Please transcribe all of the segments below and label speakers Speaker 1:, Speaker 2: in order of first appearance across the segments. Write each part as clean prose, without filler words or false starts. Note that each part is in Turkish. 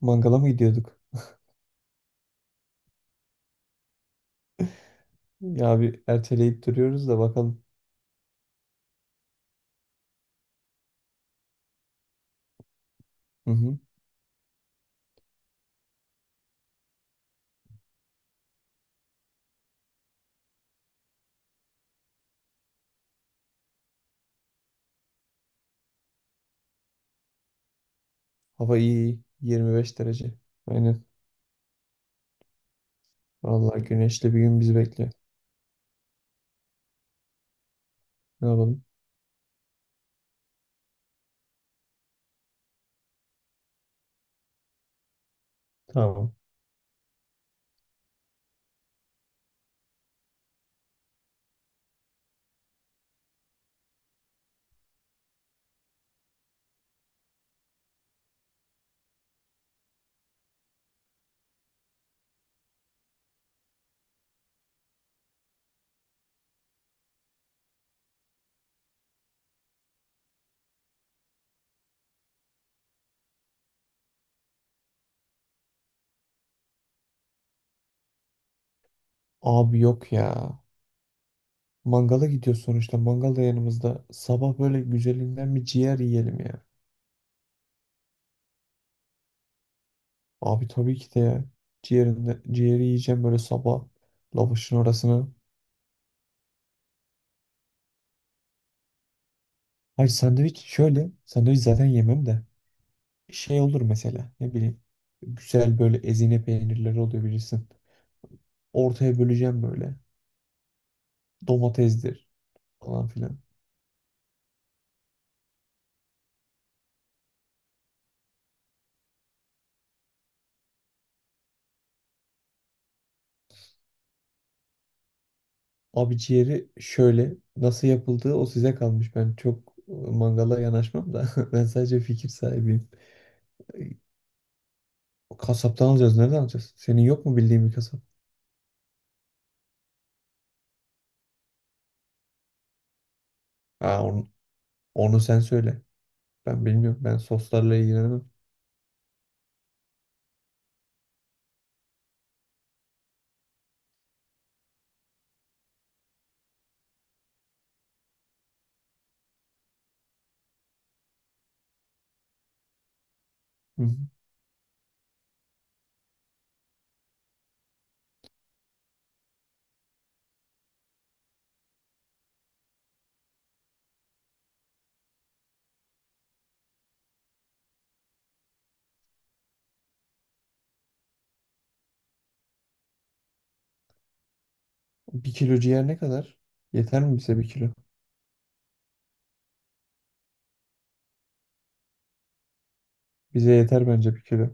Speaker 1: Mangala mı gidiyorduk? Ya bir erteleyip duruyoruz da bakalım. Hı hı. Hava iyi, iyi. 25 derece. Aynen. Vallahi güneşli bir gün bizi bekliyor. Ne yapalım? Tamam. Abi yok ya. Mangala gidiyor sonuçta. Mangal da yanımızda. Sabah böyle güzelinden bir ciğer yiyelim ya. Abi tabii ki de ya. Ciğeri yiyeceğim böyle sabah. Lavaşın orasını. Hayır, sandviç şöyle. Sandviç zaten yemem de. Şey olur mesela. Ne bileyim. Güzel böyle ezine peynirleri oluyor bilirsin. Ortaya böleceğim böyle. Domatesdir falan filan. Abi ciğeri şöyle, nasıl yapıldığı o size kalmış. Ben çok mangala yanaşmam da ben sadece fikir sahibiyim. E, Kasaptan alacağız. Nereden alacağız? Senin yok mu bildiğin bir kasap? Ha, onu sen söyle. Ben bilmiyorum. Ben soslarla ilgilenemem. Hı hı. Bir kilo ciğer ne kadar? Yeter mi bize bir kilo? Bize yeter bence bir kilo.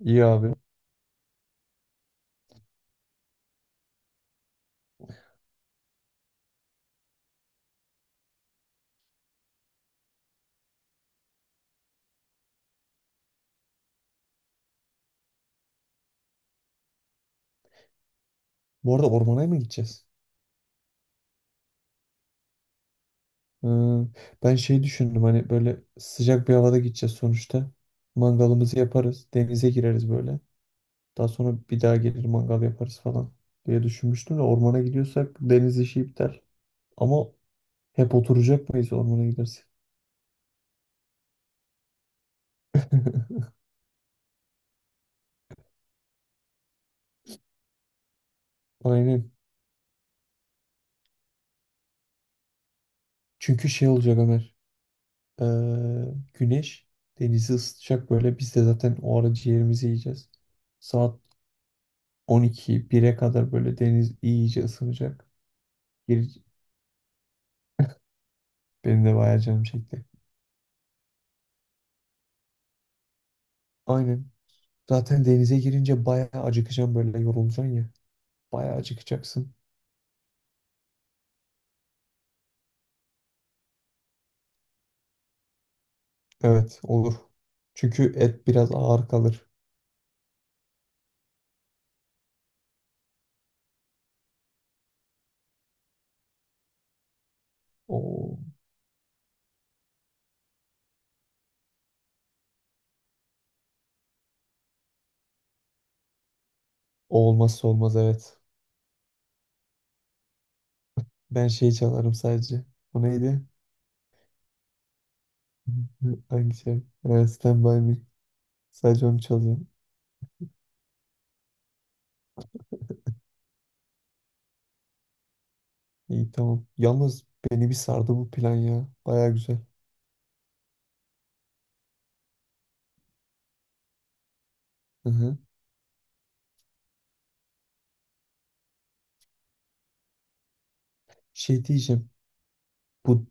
Speaker 1: İyi abi. Bu arada ormana mı gideceğiz? Hı, ben şey düşündüm, hani böyle sıcak bir havada gideceğiz sonuçta. Mangalımızı yaparız. Denize gireriz böyle. Daha sonra bir daha gelir mangal yaparız falan diye düşünmüştüm de, ormana gidiyorsak deniz işi iptal. Ama hep oturacak mıyız ormana gidersek? Aynen. Çünkü şey olacak Ömer. Ee, Güneş denizi ısıtacak böyle. Biz de zaten o ara ciğerimizi yiyeceğiz. Saat 12 1'e kadar böyle deniz iyice ısınacak. Gir, benim de bayağı canım çekti. Aynen. Zaten denize girince bayağı acıkacağım, böyle yorulacaksın ya. Bayağı acıkacaksın. Evet, olur. Çünkü et biraz ağır kalır. O, o olmazsa olmaz, evet. Ben şey çalarım sadece. O neydi? Hangi şey? Evet, Stand By Me. Sadece onu çalıyorum. İyi, tamam. Yalnız beni bir sardı bu plan ya. Baya güzel. Hı hı. Şey diyeceğim. Bu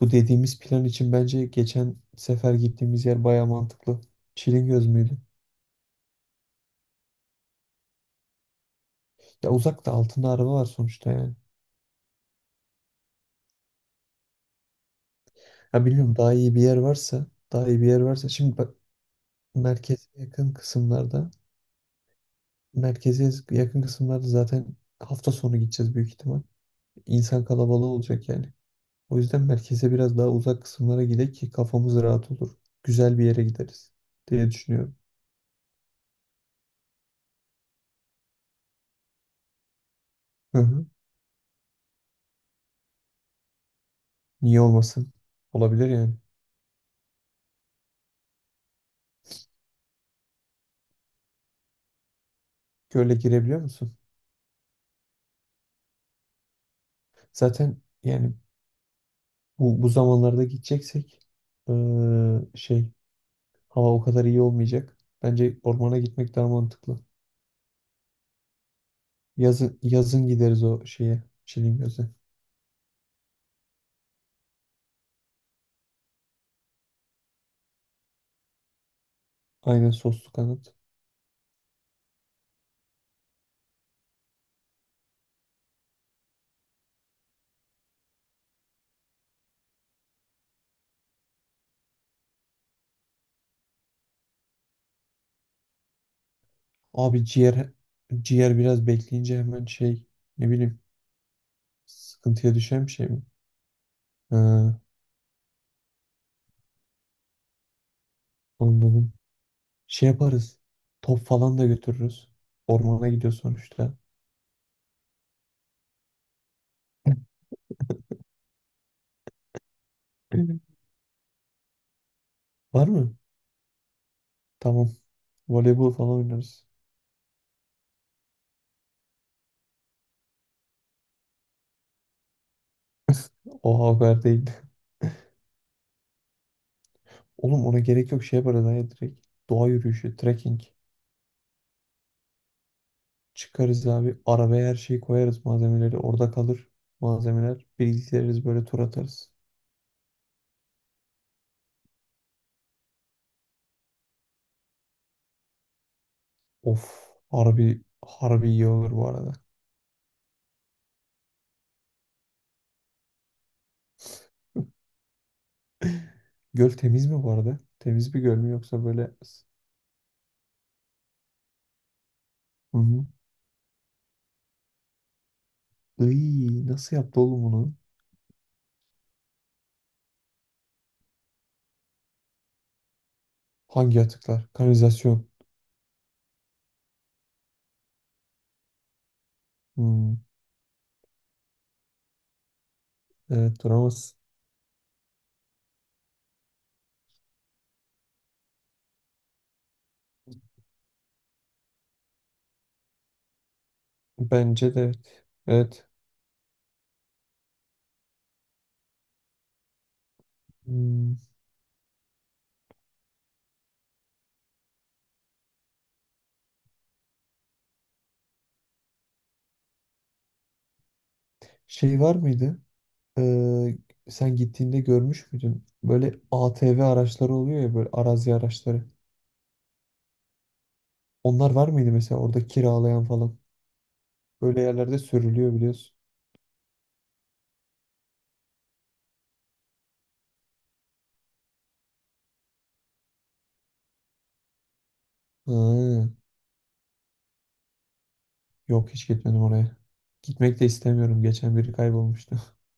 Speaker 1: bu dediğimiz plan için bence geçen sefer gittiğimiz yer baya mantıklı. Çilingöz müydü? Ya uzakta, altında araba var sonuçta yani. Ha, bilmiyorum, daha iyi bir yer varsa şimdi bak, merkeze yakın kısımlarda merkeze yakın kısımlarda zaten hafta sonu gideceğiz büyük ihtimal. İnsan kalabalığı olacak yani. O yüzden merkeze biraz daha uzak kısımlara gidelim ki kafamız rahat olur. Güzel bir yere gideriz diye düşünüyorum. Hı hı. Niye olmasın? Olabilir yani. Göle girebiliyor musun? Zaten yani bu zamanlarda gideceksek şey, hava o kadar iyi olmayacak. Bence ormana gitmek daha mantıklı. Yazın gideriz o şeye. Çilingöz'e. Aynen, soslu kanat. Abi ciğer biraz bekleyince hemen şey, ne bileyim, sıkıntıya düşen bir şey mi? Ha, anladım. Şey yaparız. Top falan da götürürüz. Ormana gidiyor sonuçta. Hı. Var mı? Tamam. Voleybol falan oynarız. Oha, o kadar değil. Oğlum, ona gerek yok, şey yaparız ha ya, direkt. Doğa yürüyüşü, trekking. Çıkarız abi. Arabaya her şeyi koyarız, malzemeleri. Orada kalır malzemeler. Bilgisayarız böyle, tur atarız. Of. Harbi, iyi olur bu arada. Göl temiz mi bu arada? Temiz bir göl mü, yoksa böyle... Hı hı. Iy, nasıl yaptı oğlum bunu? Hangi atıklar? Kanalizasyon. Hmm, evet, duramaz. Bence de evet. Evet. Hmm, şey var mıydı? Ee, Sen gittiğinde görmüş müydün? Böyle ATV araçları oluyor ya, böyle arazi araçları. Onlar var mıydı mesela, orada kiralayan falan? Böyle yerlerde sürülüyor, biliyorsun. Ha, yok, hiç gitmedim oraya. Gitmek de istemiyorum. Geçen biri kaybolmuştu.